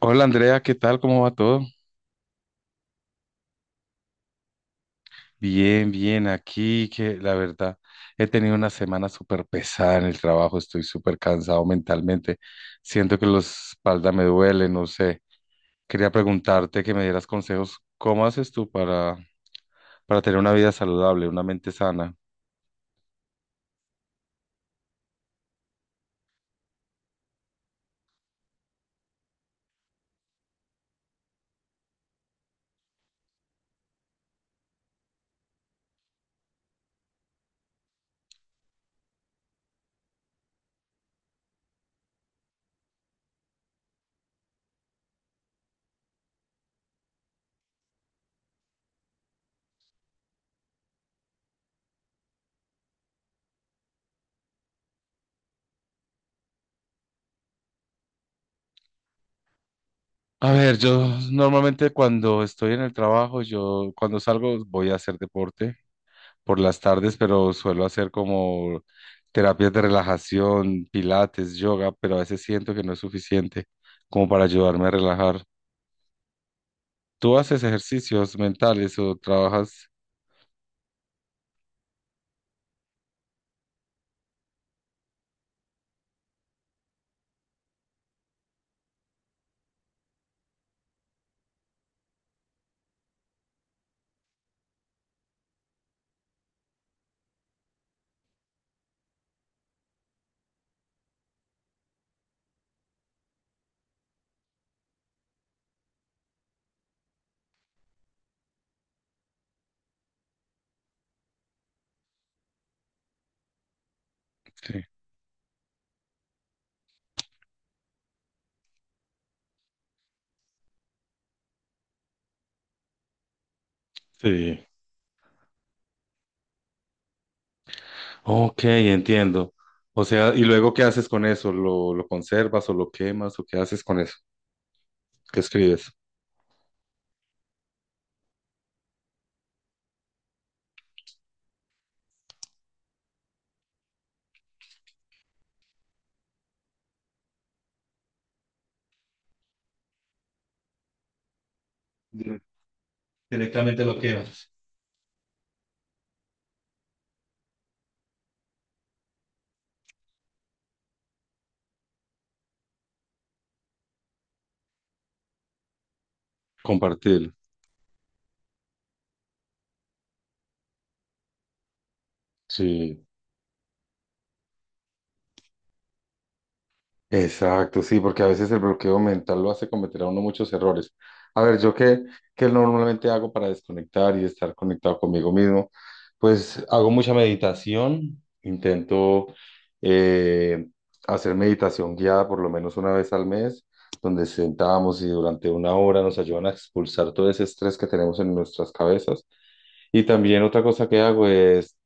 Hola Andrea, ¿qué tal? ¿Cómo va todo? Bien, bien, aquí que la verdad he tenido una semana súper pesada en el trabajo, estoy súper cansado mentalmente, siento que la espalda me duele, no sé. Quería preguntarte que me dieras consejos, ¿cómo haces tú para tener una vida saludable, una mente sana? A ver, yo normalmente cuando estoy en el trabajo, yo cuando salgo voy a hacer deporte por las tardes, pero suelo hacer como terapias de relajación, pilates, yoga, pero a veces siento que no es suficiente como para ayudarme a relajar. ¿Tú haces ejercicios mentales o trabajas? Sí. Sí. Ok, entiendo. O sea, ¿y luego qué haces con eso? ¿Lo conservas o lo quemas o qué haces con eso? ¿Qué escribes? Dire- Directamente lo quemas. Compartir. Sí. Exacto, sí, porque a veces el bloqueo mental lo hace cometer a uno muchos errores. A ver, yo qué, qué normalmente hago para desconectar y estar conectado conmigo mismo, pues hago mucha meditación, intento eh, hacer meditación guiada por lo menos 1 vez al mes, donde sentamos y durante 1 hora nos ayudan a expulsar todo ese estrés que tenemos en nuestras cabezas. Y también otra cosa que hago es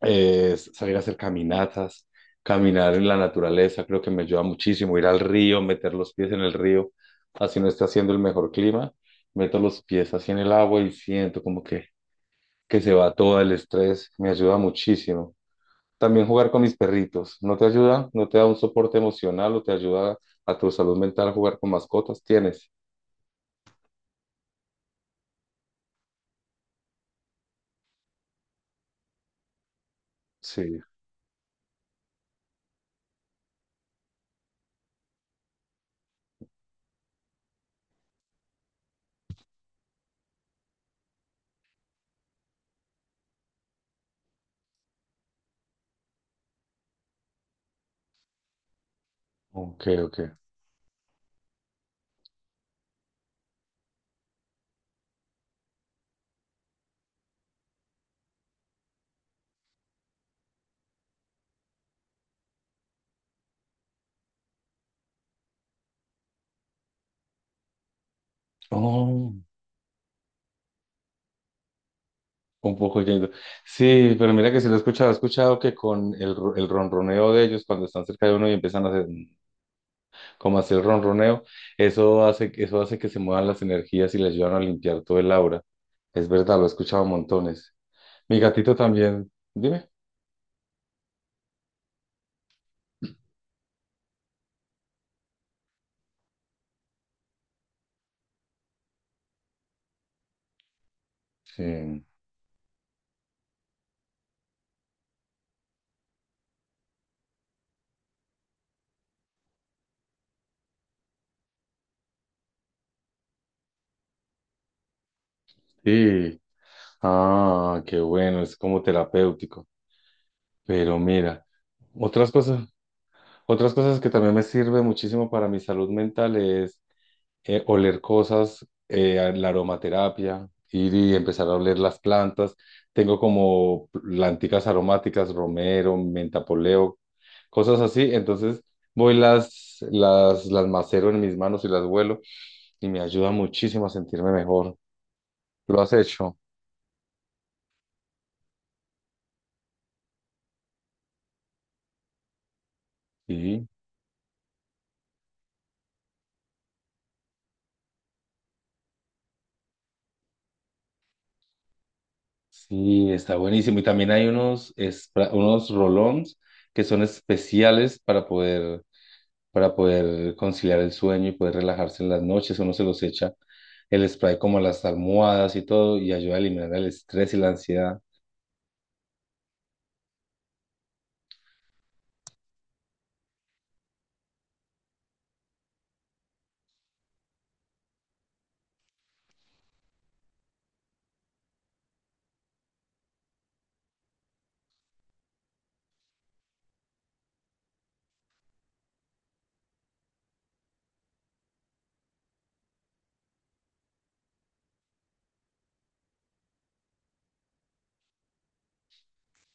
salir a hacer caminatas, caminar en la naturaleza, creo que me ayuda muchísimo, ir al río, meter los pies en el río, así no está haciendo el mejor clima, meto los pies así en el agua y siento como que se va todo el estrés, me ayuda muchísimo. También jugar con mis perritos, ¿no te ayuda? ¿No te da un soporte emocional o te ayuda a tu salud mental jugar con mascotas? ¿Tienes? Sí, ok, ok. Oh. Un poco yendo. Sí, pero mira que sí lo he escuchado. He escuchado que con el ronroneo de ellos, cuando están cerca de uno y empiezan a hacer, como a hacer ronroneo, eso hace que se muevan las energías y les ayudan a limpiar todo el aura. Es verdad, lo he escuchado montones. Mi gatito también. Dime. Sí. Sí. Ah, qué bueno, es como terapéutico. Pero mira, otras cosas, otras cosas que también me sirve muchísimo para mi salud mental es oler cosas, la aromaterapia, ir y empezar a oler las plantas. Tengo como planticas aromáticas, romero, menta poleo, cosas así. Entonces voy las macero en mis manos y las vuelo y me ayuda muchísimo a sentirme mejor. ¿Lo has hecho? Sí. Sí, está buenísimo. Y también hay unos, unos rolons que son especiales para poder conciliar el sueño y poder relajarse en las noches. Uno se los echa el spray como a las almohadas y todo y ayuda a eliminar el estrés y la ansiedad.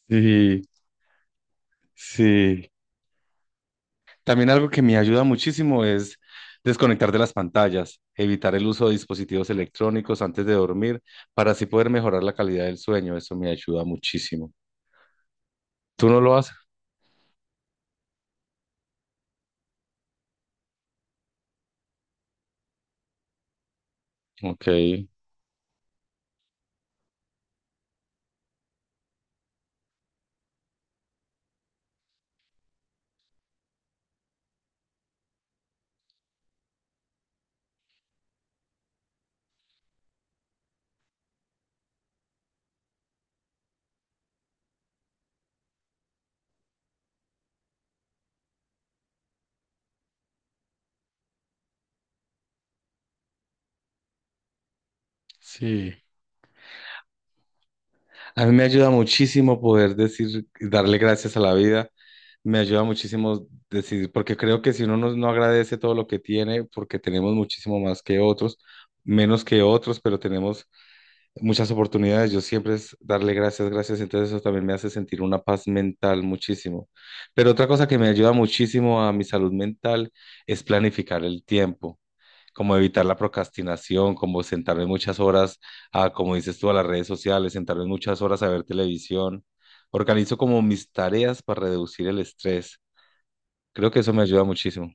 Sí, sí. También algo que me ayuda muchísimo es desconectar de las pantallas, evitar el uso de dispositivos electrónicos antes de dormir para así poder mejorar la calidad del sueño. Eso me ayuda muchísimo. ¿Tú no lo haces? Ok, sí. A mí me ayuda muchísimo poder decir, darle gracias a la vida. Me ayuda muchísimo decir, porque creo que si uno no, no agradece todo lo que tiene, porque tenemos muchísimo más que otros, menos que otros, pero tenemos muchas oportunidades. Yo siempre es darle gracias, gracias. Entonces eso también me hace sentir una paz mental muchísimo. Pero otra cosa que me ayuda muchísimo a mi salud mental es planificar el tiempo como evitar la procrastinación, como sentarme muchas horas a, como dices tú, a las redes sociales, sentarme muchas horas a ver televisión. Organizo como mis tareas para reducir el estrés. Creo que eso me ayuda muchísimo.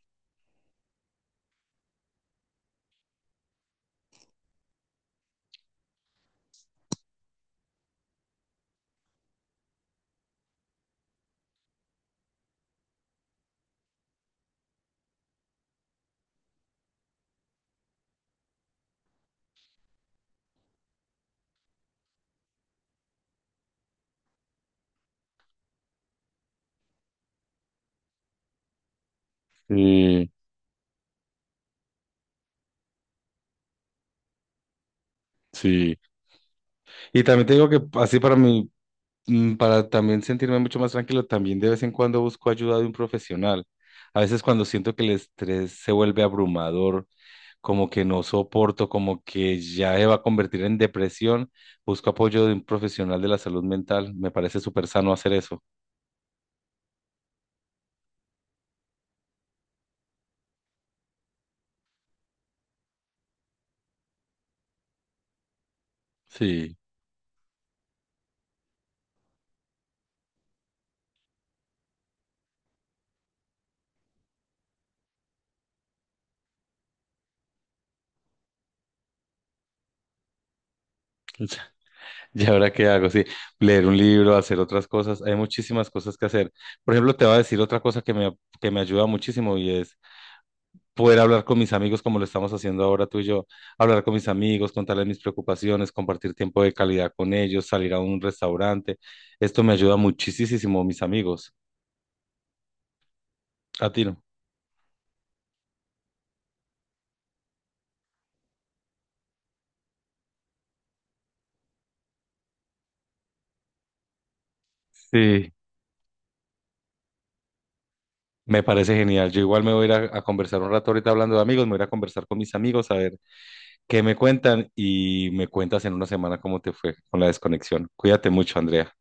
Sí, sí. Y también te digo que así para mí, para también sentirme mucho más tranquilo, también de vez en cuando busco ayuda de un profesional. A veces cuando siento que el estrés se vuelve abrumador como que no soporto, como que ya se va a convertir en depresión, busco apoyo de un profesional de la salud mental. Me parece súper sano hacer eso. Sí. ¿Y ahora qué hago? Sí, leer un libro, hacer otras cosas. Hay muchísimas cosas que hacer. Por ejemplo, te voy a decir otra cosa que me ayuda muchísimo y es poder hablar con mis amigos como lo estamos haciendo ahora tú y yo. Hablar con mis amigos, contarles mis preocupaciones, compartir tiempo de calidad con ellos, salir a un restaurante. Esto me ayuda muchísimo, mis amigos. A ti no. Sí. Me parece genial. Yo igual me voy a ir a conversar un rato ahorita hablando de amigos, me voy a ir a conversar con mis amigos a ver qué me cuentan y me cuentas en 1 semana cómo te fue con la desconexión. Cuídate mucho, Andrea.